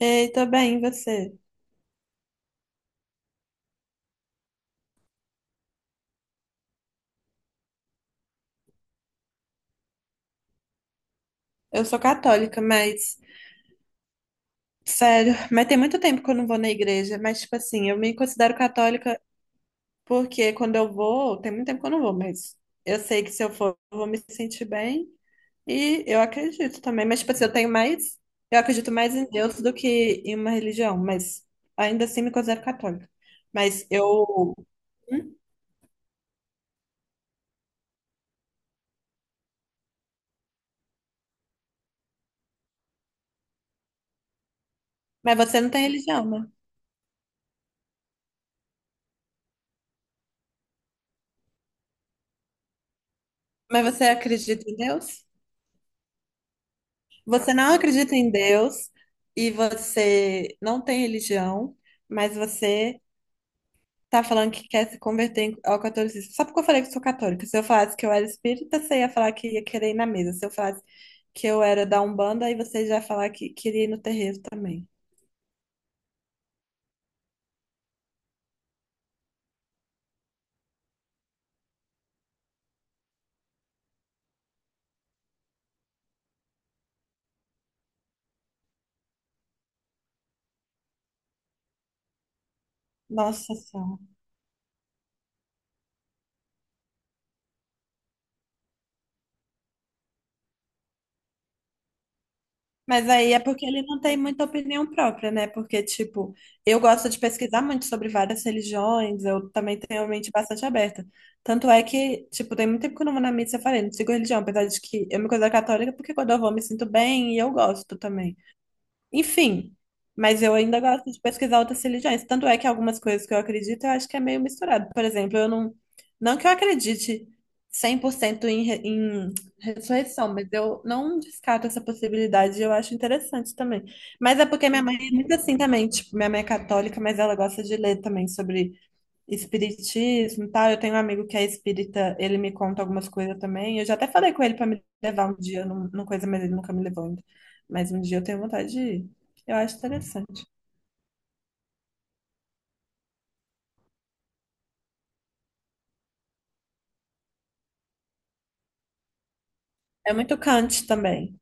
Ei, tô bem, e você? Eu sou católica, mas sério. Mas tem muito tempo que eu não vou na igreja, mas tipo assim, eu me considero católica porque quando eu vou, tem muito tempo que eu não vou, mas eu sei que se eu for, eu vou me sentir bem e eu acredito também, mas tipo assim, eu tenho mais, eu acredito mais em Deus do que em uma religião, mas ainda assim me considero católica. Mas eu, Hum? Mas você não tem religião, né? Mas você acredita em Deus? Você não acredita em Deus e você não tem religião, mas você tá falando que quer se converter ao catolicismo. Só porque eu falei que sou católica. Se eu falasse que eu era espírita, você ia falar que ia querer ir na mesa. Se eu falasse que eu era da Umbanda, aí você já ia falar que queria ir no terreiro também. Nossa só. Mas aí é porque ele não tem muita opinião própria, né? Porque, tipo, eu gosto de pesquisar muito sobre várias religiões, eu também tenho a mente bastante aberta. Tanto é que, tipo, tem muito tempo que eu não vou na missa, eu falei, não sigo religião, apesar de que eu me considero católica, porque quando eu vou eu me sinto bem e eu gosto também. Enfim, mas eu ainda gosto de pesquisar outras religiões. Tanto é que algumas coisas que eu acredito, eu acho que é meio misturado. Por exemplo, eu não. Não que eu acredite 100% em ressurreição, mas eu não descarto essa possibilidade. Eu acho interessante também. Mas é porque minha mãe é muito assim também. Tipo, minha mãe é católica, mas ela gosta de ler também sobre espiritismo e tal. Eu tenho um amigo que é espírita, ele me conta algumas coisas também. Eu já até falei com ele para me levar um dia numa coisa, mas ele nunca me levou ainda. Mas um dia eu tenho vontade de ir. Eu acho interessante. É muito Kant também.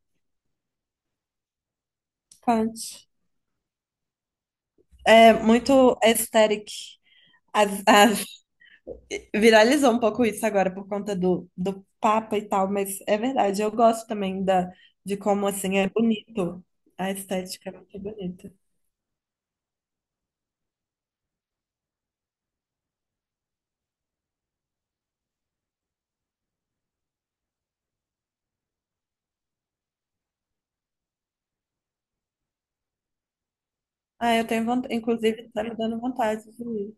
Kant. É muito aesthetic. As- as- Viralizou um pouco isso agora por conta do Papa e tal, mas é verdade. Eu gosto também de como assim é bonito. A estética é muito bonita. Ah, eu tenho vontade, inclusive, tá me dando vontade de ir.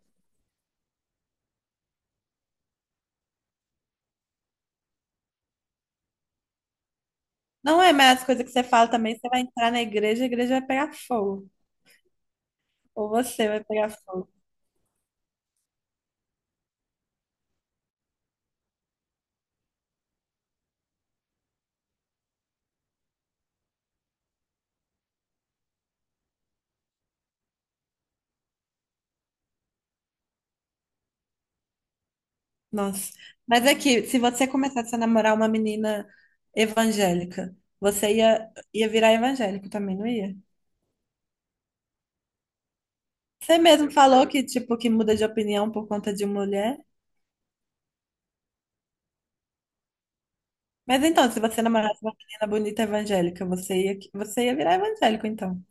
Não é, mas as coisas que você fala também, você vai entrar na igreja, a igreja vai pegar fogo. Ou você vai pegar fogo. Nossa. Mas aqui, se você começasse a namorar uma menina evangélica, você ia virar evangélico também, não ia? Você mesmo falou que, tipo, que muda de opinião por conta de mulher. Mas então, se você namorasse uma menina bonita evangélica, você ia virar evangélico, então.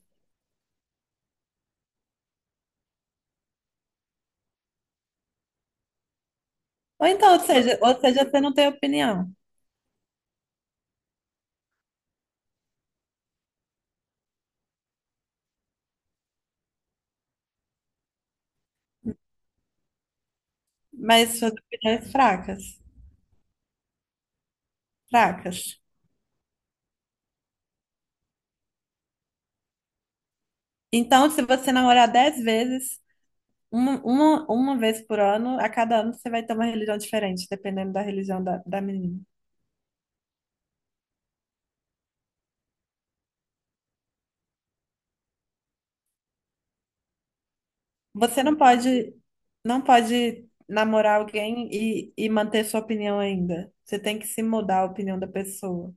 Ou então, ou seja, você não tem opinião, mas suas opiniões fracas, fracas. Então, se você namorar 10 vezes, uma vez por ano, a cada ano você vai ter uma religião diferente, dependendo da religião da menina. Você não pode namorar alguém e manter sua opinião ainda. Você tem que se mudar a opinião da pessoa.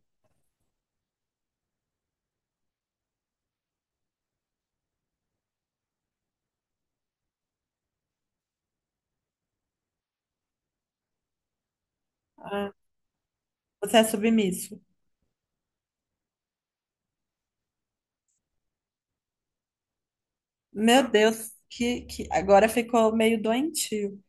Ah, você é submisso. Meu Deus, que agora ficou meio doentio.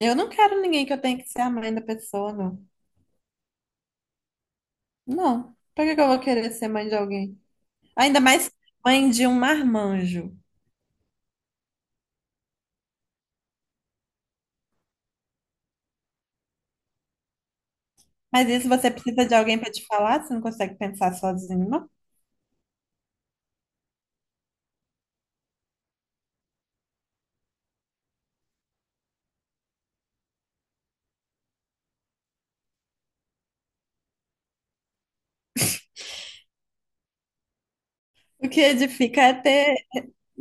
Eu não quero ninguém que eu tenha que ser a mãe da pessoa, não. Não. Pra que que eu vou querer ser mãe de alguém? Ainda mais mãe de um marmanjo. Mas isso você precisa de alguém para te falar, você não consegue pensar sozinho, não? O que edifica é ter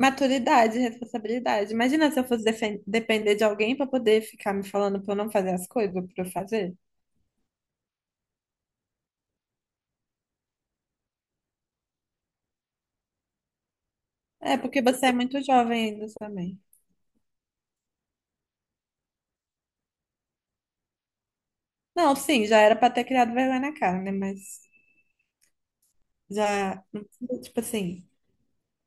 maturidade, responsabilidade. Imagina se eu fosse depender de alguém para poder ficar me falando para eu não fazer as coisas, para eu fazer. É porque você é muito jovem ainda também. Não, sim, já era para ter criado vergonha na cara, né? Mas já, não precisa, tipo assim,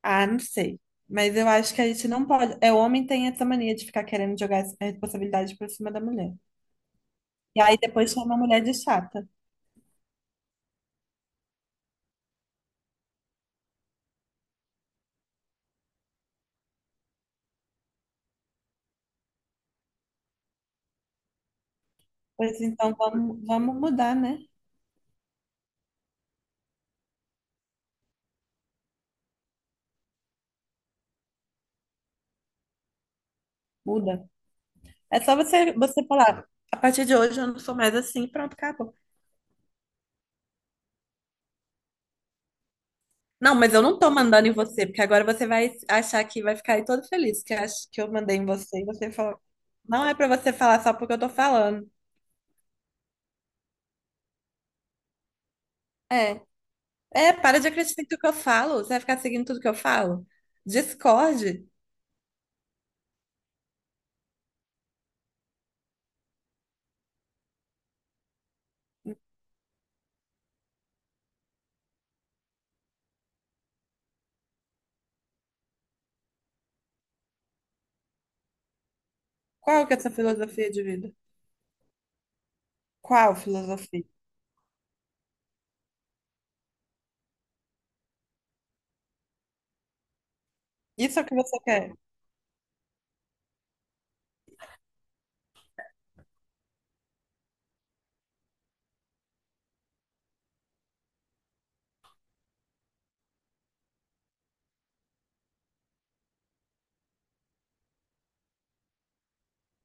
ah, não sei. Mas eu acho que a gente não pode. É, o homem tem essa mania de ficar querendo jogar essa responsabilidade por cima da mulher. E aí depois chama a mulher de chata. Pois então, vamos mudar, né? Muda. É só você falar, a partir de hoje eu não sou mais assim, pronto, acabou. Não, mas eu não tô mandando em você, porque agora você vai achar que vai ficar aí todo feliz que, que eu mandei em você. E você fala, não é pra você falar só porque eu tô falando. É, é, para de acreditar em tudo que eu falo. Você vai ficar seguindo tudo que eu falo? Discorde. Qual que é a sua filosofia de vida? Qual filosofia? Isso é o que você quer.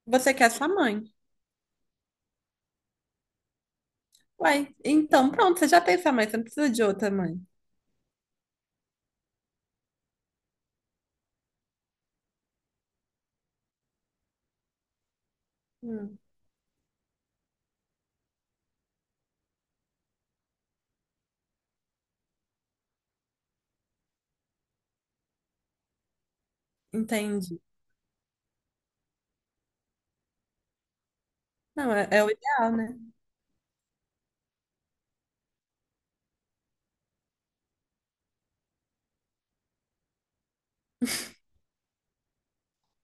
Você quer sua mãe. Uai, então pronto, você já tem sua mãe, você não precisa de outra mãe. Hum, entendi. Não, é o ideal, né?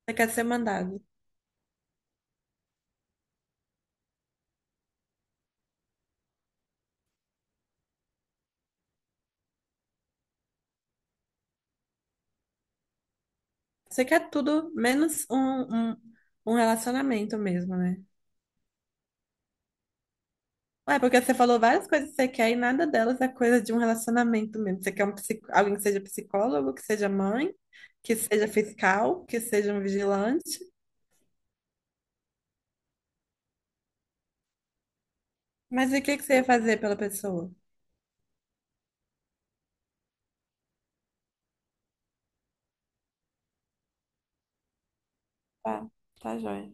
Você quer ser mandado. Você quer tudo menos um relacionamento mesmo, né? Ué, porque você falou várias coisas que você quer e nada delas é coisa de um relacionamento mesmo. Você quer alguém que seja psicólogo, que seja mãe, que seja fiscal, que seja um vigilante. Mas e o que que você ia fazer pela pessoa? Tá, tá, joia.